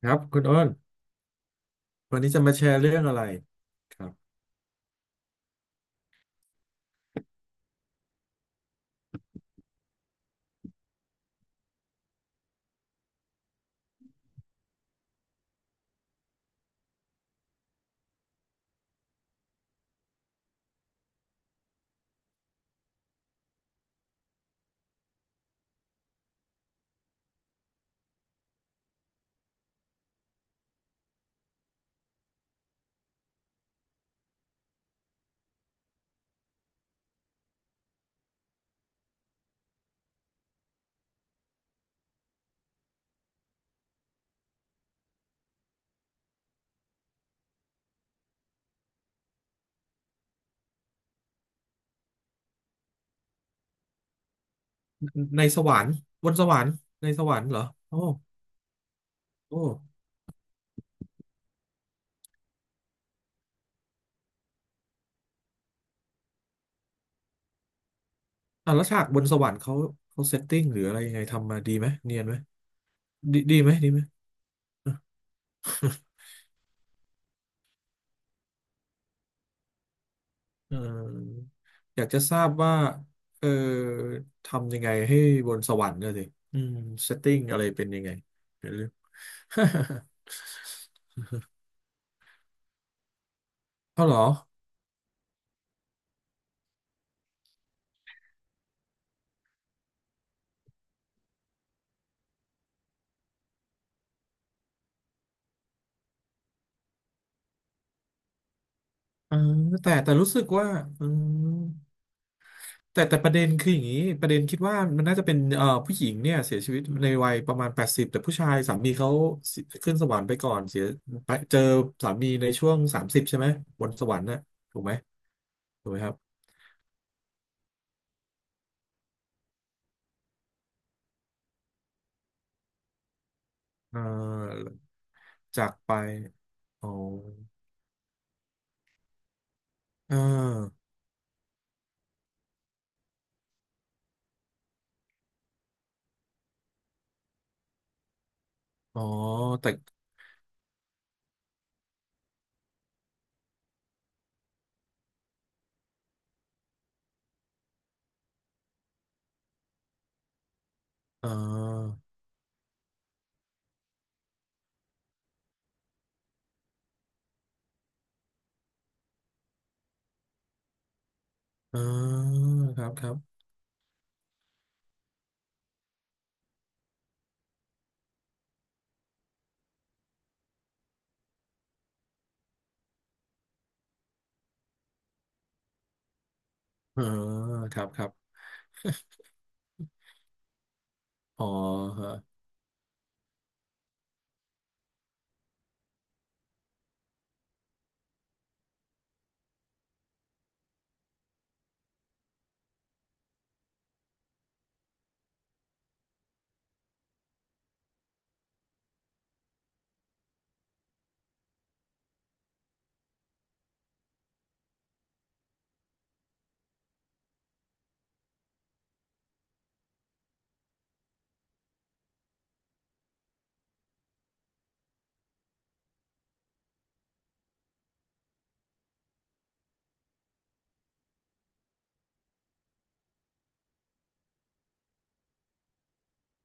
ครับคุณอ้นวันนี้จะมาแชร์เรื่องอะไรครับในสวรรค์บนสวรรค์ในสวรรค์เหรอโอ้โอ้อ่ะแล้วฉากบนสวรรค์เขาเขาเซตติ้งหรืออะไรยังไงทำมาดีไหมเนียนไหมดีไหมเอออยากจะทราบว่าเออทำยังไงให้บนสวรรค์เนี่ยสิอืมเซตติ้งอะไรเป็นยังไงเดี๋ยวลืม เอาเหรอเออแต่รู้สึกว่าอืม แต่ประเด็นคืออย่างนี้ประเด็นคิดว่ามันน่าจะเป็นผู้หญิงเนี่ยเสียชีวิตในวัยประมาณแปดสิบแต่ผู้ชายสามีเขาเสียขึ้นสวรรค์ไปก่อนเสียไปเจอสามีในช่วงสามสิบใช่ไหมบนสวรรค์น่ะถูกไหมถูกไหมครับเอ่อจากไปอ๋อเอาออ๋อแต่เออเอาครับครับเออครับครับอ๋อฮะ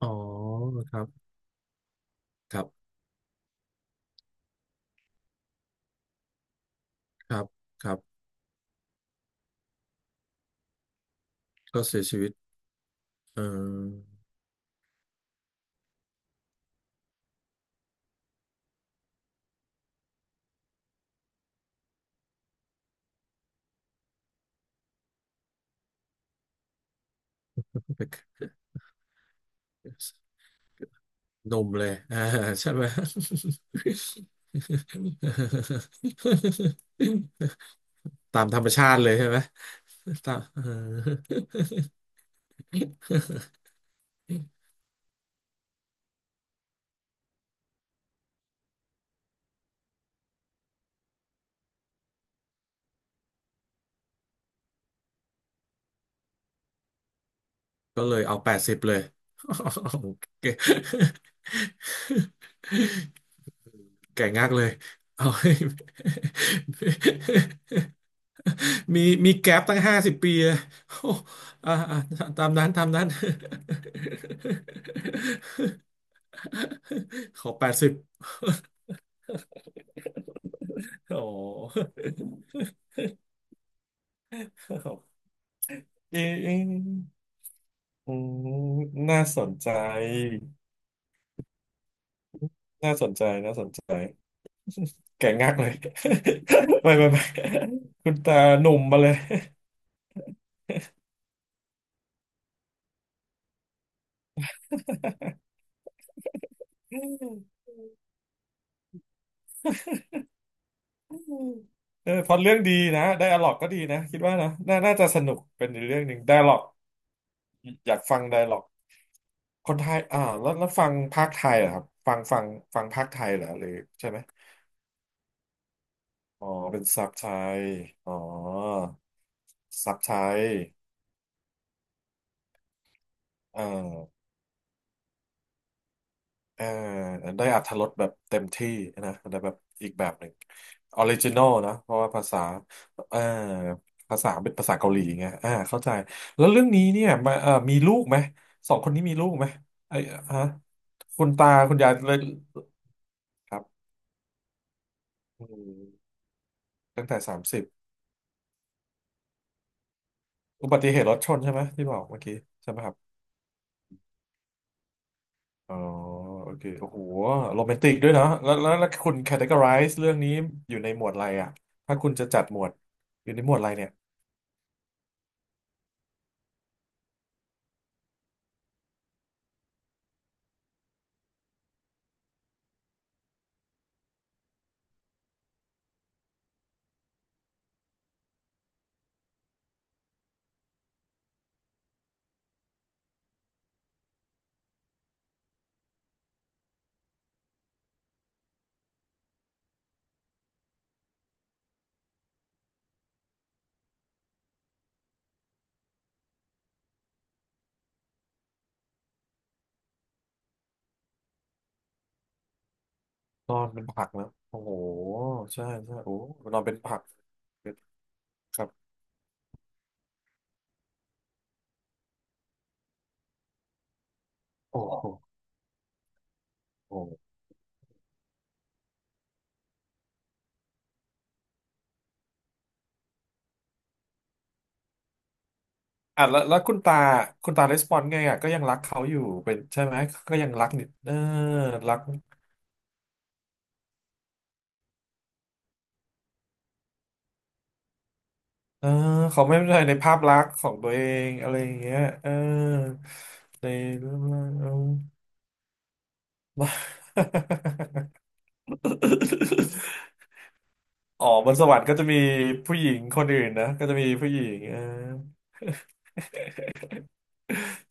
อ๋อครับครับครับครับก็เสียชีวิตเออ หนุ่มเลยอ่าใช่ไหม ตามธรรมชาติเลยใช่ไหมตามเออก็เลยเอาแปดสิบเลยโอเคแก่งักเลยเอาให้มีมีแก๊ปตั้ง50 ปีอะโอ้อ่าอ่าตามนั้นตามนั้นขอแปดสิบโอ้ เอ๊ะอืมน่าสนใจน่าสนใจน่าสนใจ แก่งักเลย ไปไปไปคุณตาหนุ่มมาเลย เออพล็อตเรื่องดีนะ ไดอะล็อกก็ดีนะ คิดว่านะน่าน่าจะสนุกเป็นอีกเรื่องหนึ่งไดอะล็อก อยากฟังไดอะล็อกคนไทยอ่าแล้วฟังภาคไทยเหรอครับฟังฟังฟังภาคไทยเหรอหรือใช่ไหม อ๋อเป็นซับไทยอ๋อซับไทยเอ่อเอ่อได้อรรถรสแบบเต็มที่นะได้แบบอีกแบบหนึ่งออริจินอลนะเพราะว่าภาษาเอ่อภาษาเป็นภาษาเกาหลีไงอ่าเข้าใจแล้วเรื่องนี้เนี่ยมามีลูกไหมสองคนนี้มีลูกไหมไอ้ฮะคุณตาคุณยายเลยครับอืมตั้งแต่สามสิบอุบัติเหตุรถชนใช่ไหมที่บอกเมื่อกี้ใช่ไหมครับ อ๋อโอเคโอ้โหโรแมนติกด้วยเนาะแล้วคุณ categorize เรื่องนี้อยู่ในหมวดอะไรอ่ะถ้าคุณจะจัดหมวดอยู่ในหมวดอะไรเนี่ยนอนเป็นผักเนอะโอ้โหใช่ใช่โอ้นอนเป็นผักครับโอ้โหโอ้โหอ่ะแล้วคุณตาคุณตาレスปอนไงอ่ะก็ยังรักเขาอยู่เป็นใช่ไหมก็ยังรักนิดเออรักเออเขาไม่เป็นไรในภาพลักษณ์ของตัวเองอะไรอย่างเงี้ยเออใน เรื่องเออ อ๋อบนสวรรค์ก็จะมีผู้หญิงคนอื่นนะก็จะมีผู้หญิงเออ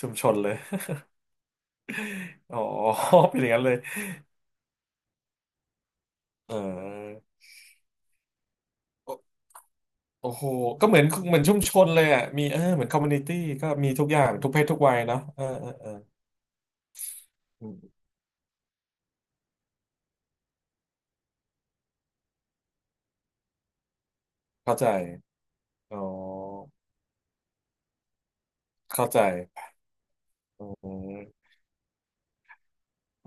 ชุมชนเลยอ๋อ เป็นอย่างนั้นเลยเออโอโอ้โหก็เหมือนเหมือนชุมชนเลยอ่ะมีเออเหมือนคอมมูนิตี้ก็มีทุกอย่างทุกเพศทุกวัยเนาะเออเออเอออืมเข้าใจอ๋อเข้าใจอืม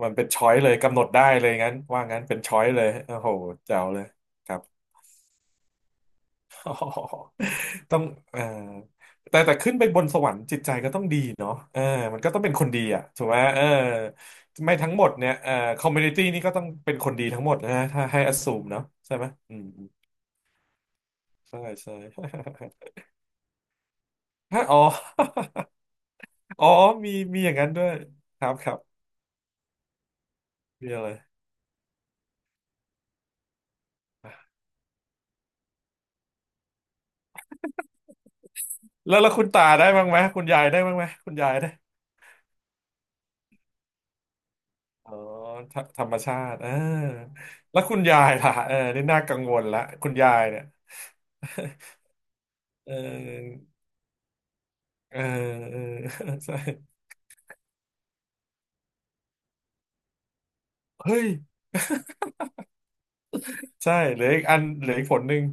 มันเป็นช้อยเลยกำหนดได้เลยงั้นว่างั้นเป็นช้อยเลยโอ้โหแจ๋วเลยครับ อ๋อต้องเอ่อแต่ขึ้นไปบนสวรรค์จิตใจก็ต้องดีเนาะเออมันก็ต้องเป็นคนดีอ่ะถูกไหมเออไม่ทั้งหมดเนี่ยเอ่อคอมมูนิตี้นี่ก็ต้องเป็นคนดีทั้งหมดนะถ้าให้อ s สูมเนาะใช่ไหมอืมอืมใช่ใช่ ฮะอ๋อ อ๋อมีมีอย่างนั้นด้วยครับครับมีอะไรแล้วคุณตาได้บ้างไหมคุณยายได้บ้างไหมคุณยายได้อ๋อธรรมชาติเออแล้วคุณยายล่ะเออนี่น่ากังวลละคุณยายเนี่ย เออ เออ เออ ใช่เฮ้ยใช่เหลืออีกอันเหลืออีกผลหนึ่ง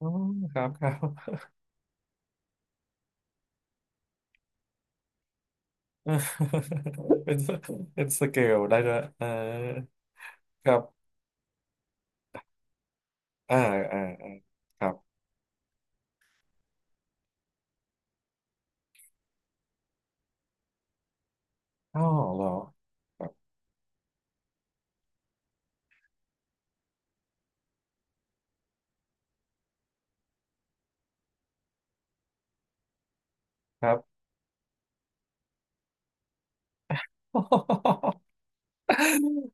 อ๋อครับครับ เออเป็นเป็นสเกลได้ด้วยเออครับอ่าอ่าอ่าครับอ๋อเหรอครับครับ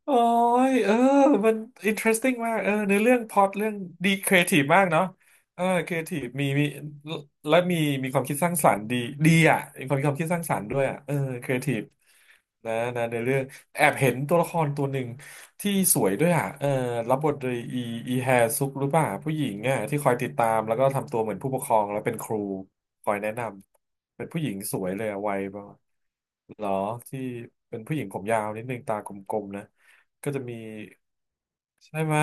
โอ้ยเออมัน interesting มากเออในอเรื่องพล็อตเรื่องดีครีเอทีฟมากเนาะเออครีเอทีฟมีมีและมีมีความคิดสร้างสรรค์ดีดีอ่ะมีความความคิดสร้างสรรค์ด้วยอ่ะเออครีเอทีฟนะนะในเรื่องแอบเห็นตัวละครตัวหนึ่งที่สวยด้วยอ่ะเออรับบทโดยอีอีแฮซุกหรือเปล่าผู้หญิงอ่ะที่คอยติดตามแล้วก็ทำตัวเหมือนผู้ปกครองแล้วเป็นครูคอยแนะนำเป็นผู้หญิงสวยเลยอ่ะวัยประมาณเหรอที่เป็นผู้หญิงผมยาวนิดนึงตากลมๆนะ ก็จะมีใช่ไหม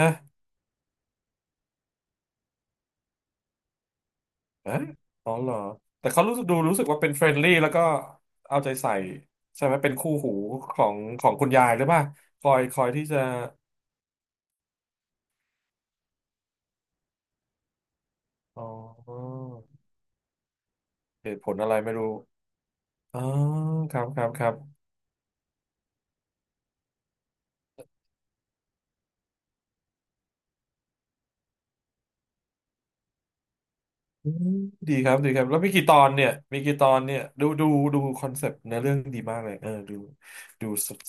ฮะอ๋อเหรอแต่เขารู้สึกดูรู้สึกว่าเป็นเฟรนลี่แล้วก็เอาใจใส่ใช่ไหมเป็นคู่หูของของคุณยายหรือเปล่าคอยคอยที่จะอ๋อเหตุผลอะไรไม่รู้อ๋อครับครับครับอืมดีครับดีครับแล้วมีกี่ตอนเนี่ยมีกี่ตอนเนี่ยดูดูดูคอนเซปต์เนื้อเรื่องดีมากเลยเออดูดูสด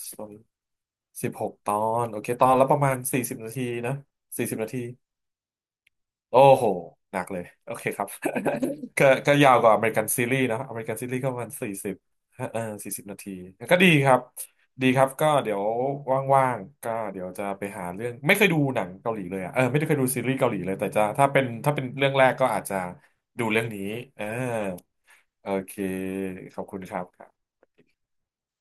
16 ตอนโอเคตอนละประมาณสี่สิบนาทีนะสี่สิบนาที โอ้โหหนักเลยโอเคครับ ก็ก็ยาวกว่าอเมริกันซีรีส์เนอะอเมริกันซีรีส์ก็ประมาณสี่สิบเออสี่สิบนาทีก็ดีครับดีครับก็เดี๋ยวว่างๆก็เดี๋ยวจะไปหาเรื่องไม่เคยดูหนังเกาหลีเลยอ่ะเออไม่ได้เคยดูซีรีส์เกาหลีเลยแต่จะถ้าเป็นถ้าเป็นเรื่องแรกก็อาจจะดูเรื่องนี้เออโอเคขอบคุณครับ